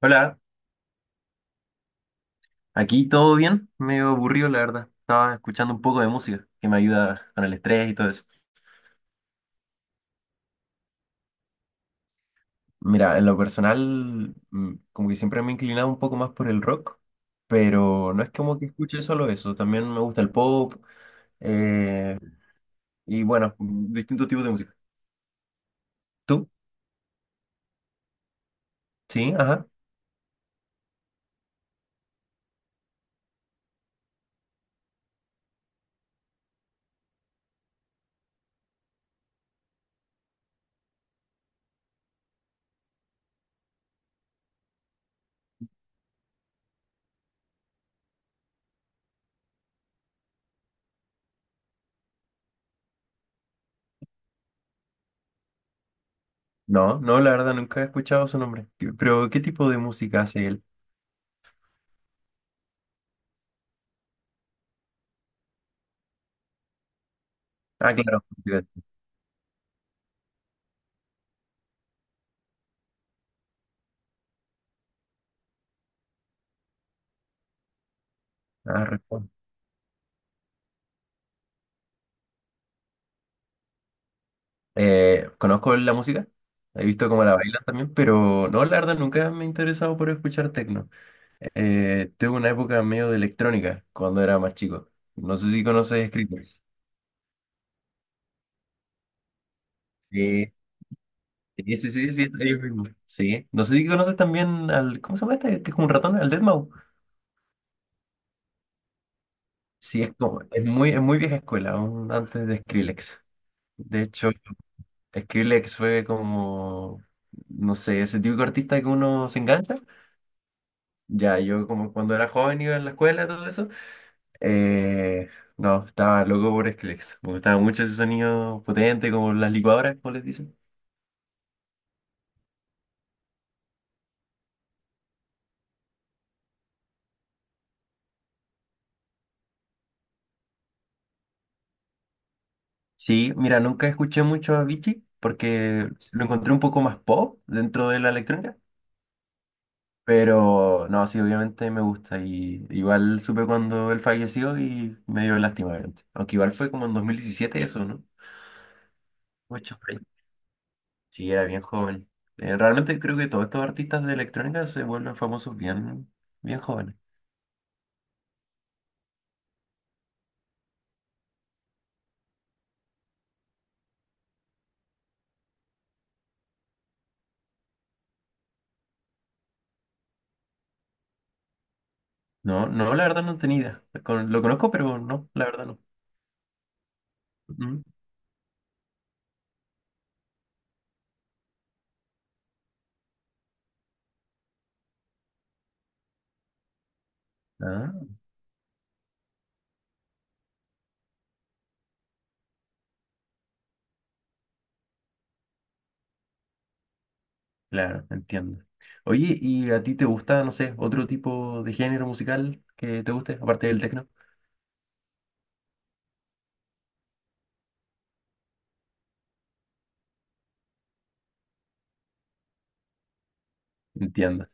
Hola, aquí todo bien, medio aburrido la verdad. Estaba escuchando un poco de música que me ayuda con el estrés y todo eso. Mira, en lo personal, como que siempre me he inclinado un poco más por el rock, pero no es como que escuche solo eso, también me gusta el pop eh, y bueno, distintos tipos de música. ¿Tú? Sí, ajá. No, no, la verdad nunca he escuchado su nombre. Pero ¿qué tipo de música hace él? Ah, claro. Ah, conozco la música, he visto cómo la Ujú. Bailan también, pero no, la verdad nunca me he interesado por escuchar techno. Tuve una época medio de electrónica cuando era más chico. No sé si conoces Skrillex. Sí, sí, sí, sí, sí, ellos mismos. Sí. No sé si conoces también al, ¿cómo se llama este? Que es como un ratón, al deadmau. Sí, es como, es muy vieja escuela, aún antes de Skrillex. De hecho, Skrillex fue como, no sé, ese típico artista que uno se engancha. Ya, yo como cuando era joven iba en la escuela, todo eso. eh, no, estaba loco por Skrillex. Me gustaba mucho ese sonido potente, como las licuadoras, como les dicen. Sí, mira, nunca escuché mucho a Avicii porque lo encontré un poco más pop dentro de la electrónica. Pero no, sí, obviamente me gusta. Y igual supe cuando él falleció y me dio lástima, obviamente. Aunque igual fue como en 2017 eso, ¿no? Mucho. Sí, era bien joven. Realmente creo que todos estos artistas de electrónica se vuelven famosos bien, bien jóvenes. No, no, la verdad no tenía idea. Lo conozco, pero no, la verdad no. Ujú. Ah, claro, entiendo. Oye, ¿y a ti te gusta, no sé, otro tipo de género musical que te guste, aparte del tecno? Entiendo.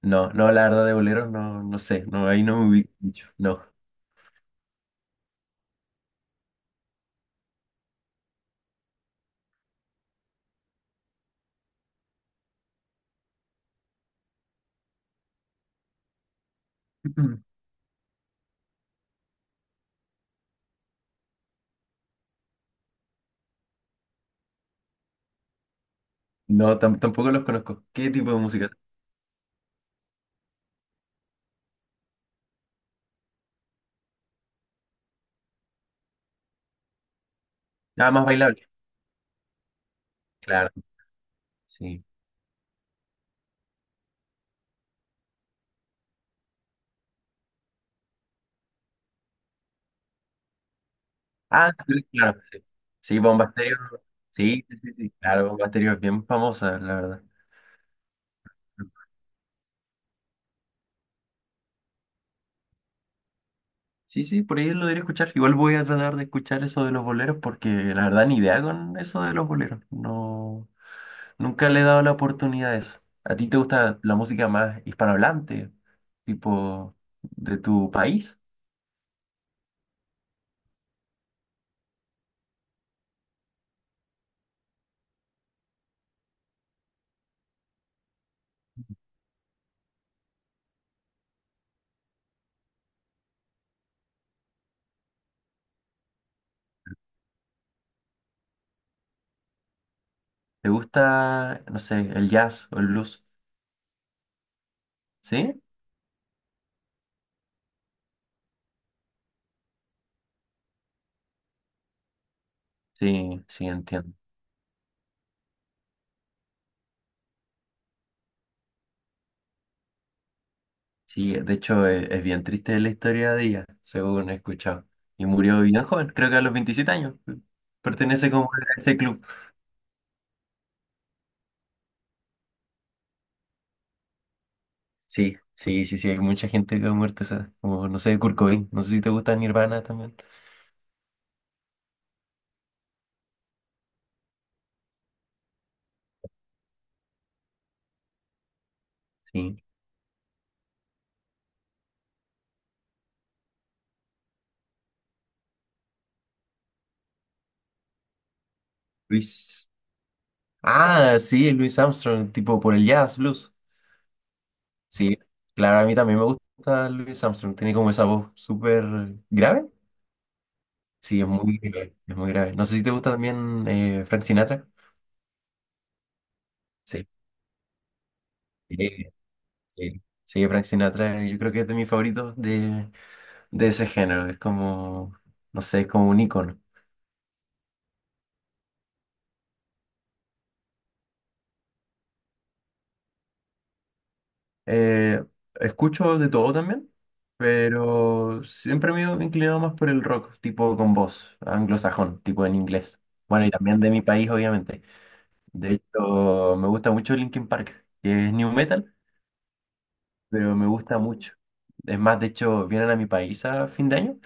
No, no, la verdad de boleros no, no sé, no, ahí no me ubico mucho, no. No, tampoco los conozco. ¿Qué tipo de música? Ah, más bailable. Claro, sí. Ah, sí, claro que sí. Sí, Bomba Estéreo. Sí, sí, sí, sí, claro, Bomba Estéreo es bien famosa, la verdad. Sí, sí, por ahí lo debería escuchar. Igual voy a tratar de escuchar eso de los boleros porque la verdad ni idea con eso de los boleros. No, nunca le he dado la oportunidad a eso. ¿A ti te gusta la música más hispanohablante, tipo de tu país? ¿Te gusta, no sé, el jazz o el blues? ¿Sí? Sí, sí, entiendo. Sí, de hecho es bien triste la historia de ella, según he escuchado. Y murió bien joven, creo que a los 27 años. Pertenece como a ese club. Sí, sí, sí, sí, hay mucha gente que ha muerto esa, como no sé, Kurt Cobain, no sé si te gusta Nirvana también. Sí, Luis. Ah, sí, Luis Armstrong, tipo por el jazz, blues. Sí, claro, a mí también me gusta Luis Armstrong, tiene como esa voz súper grave. Sí, es muy grave, es muy grave. No sé si te gusta también Frank Sinatra. Sí. eh, sí, sí, Frank Sinatra, yo creo que es de mis favoritos de ese género. Es como, no sé, es como un ícono. Eh, escucho de todo también, pero siempre me he inclinado más por el rock, tipo con voz, anglosajón, tipo en inglés. Bueno, y también de mi país, obviamente. De hecho, me gusta mucho Linkin Park, que es new metal, pero me gusta mucho. Es más, de hecho, vienen a mi país a fin de año.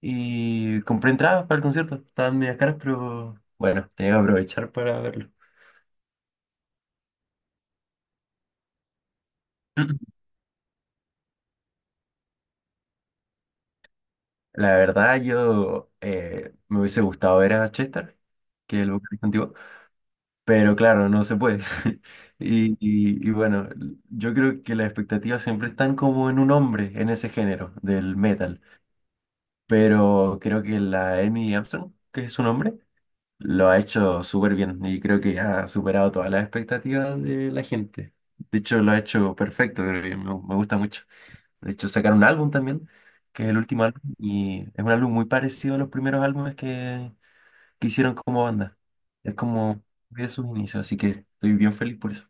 Y compré entradas para el concierto. Estaban medias caras, pero bueno, tenía que aprovechar para verlo. La verdad, yo me hubiese gustado ver a Chester, que es el vocalista antiguo, pero claro, no se puede. Y bueno, yo creo que las expectativas siempre están como en un hombre, en ese género del metal, pero creo que la Amy Armstrong, que es su nombre, lo ha hecho súper bien y creo que ha superado todas las expectativas de la gente. De hecho, lo ha hecho perfecto, creo que me gusta mucho. De hecho, sacaron un álbum también, que es el último álbum, y es un álbum muy parecido a los primeros álbumes que hicieron como banda. Es como de sus inicios, así que estoy bien feliz por eso.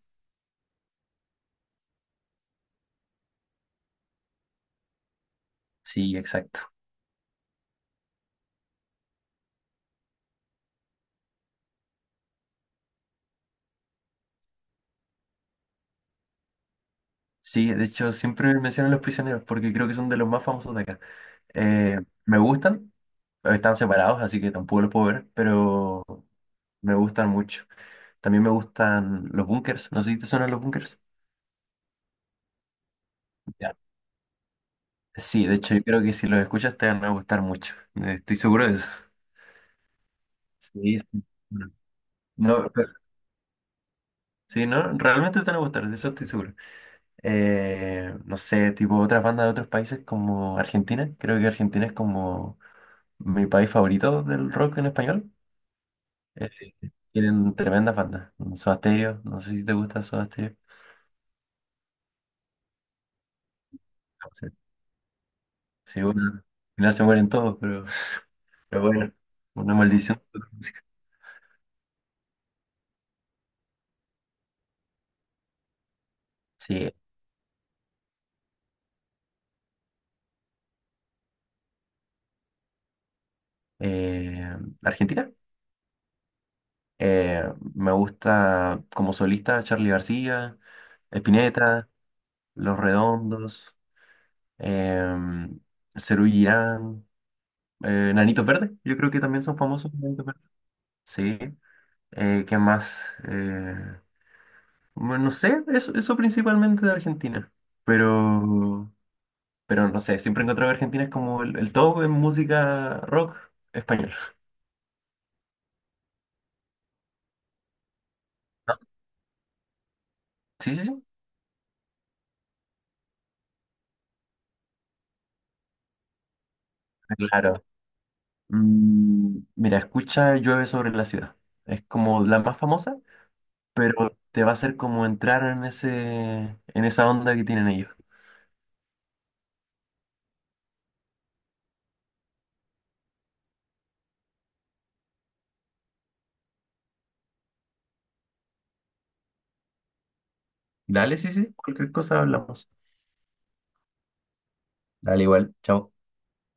Sí, exacto. Sí, de hecho, siempre menciono a Los Prisioneros porque creo que son de los más famosos de acá. Eh, me gustan, están separados, así que tampoco los puedo ver, pero me gustan mucho. También me gustan los bunkers. No sé si te suenan los bunkers. Ya. Sí, de hecho, yo creo que si los escuchas te van a gustar mucho. Estoy seguro de eso. Sí, sí. No, pero- sí, no, realmente te van a gustar, de eso estoy seguro. No sé, tipo otras bandas de otros países como Argentina. Creo que Argentina es como mi país favorito del rock en español. Eh, tienen tremendas bandas. Soda Stereo, no sé si te gusta Soda Stereo. Sí, sí, bueno, al final se mueren todos, pero bueno, una maldición. Sí, eh, Argentina. Eh, me gusta como solista Charly García, Spinetta, Los Redondos, em, Serú Girán, Nanitos Verdes, yo creo que también son famosos. Nanitos Verdes. Sí, ¿qué más? Bueno, no sé, eso principalmente de Argentina, pero, pero no sé, siempre he encontrado que Argentina es como el top en música rock español. ¿No? Sí, sí, sí. Claro. Mm, mira, escucha Llueve sobre la ciudad. Es como la más famosa, pero te va a hacer como entrar en ese, en esa onda que tienen ellos. Dale, sí, sí, cualquier cosa hablamos. Dale igual, chao.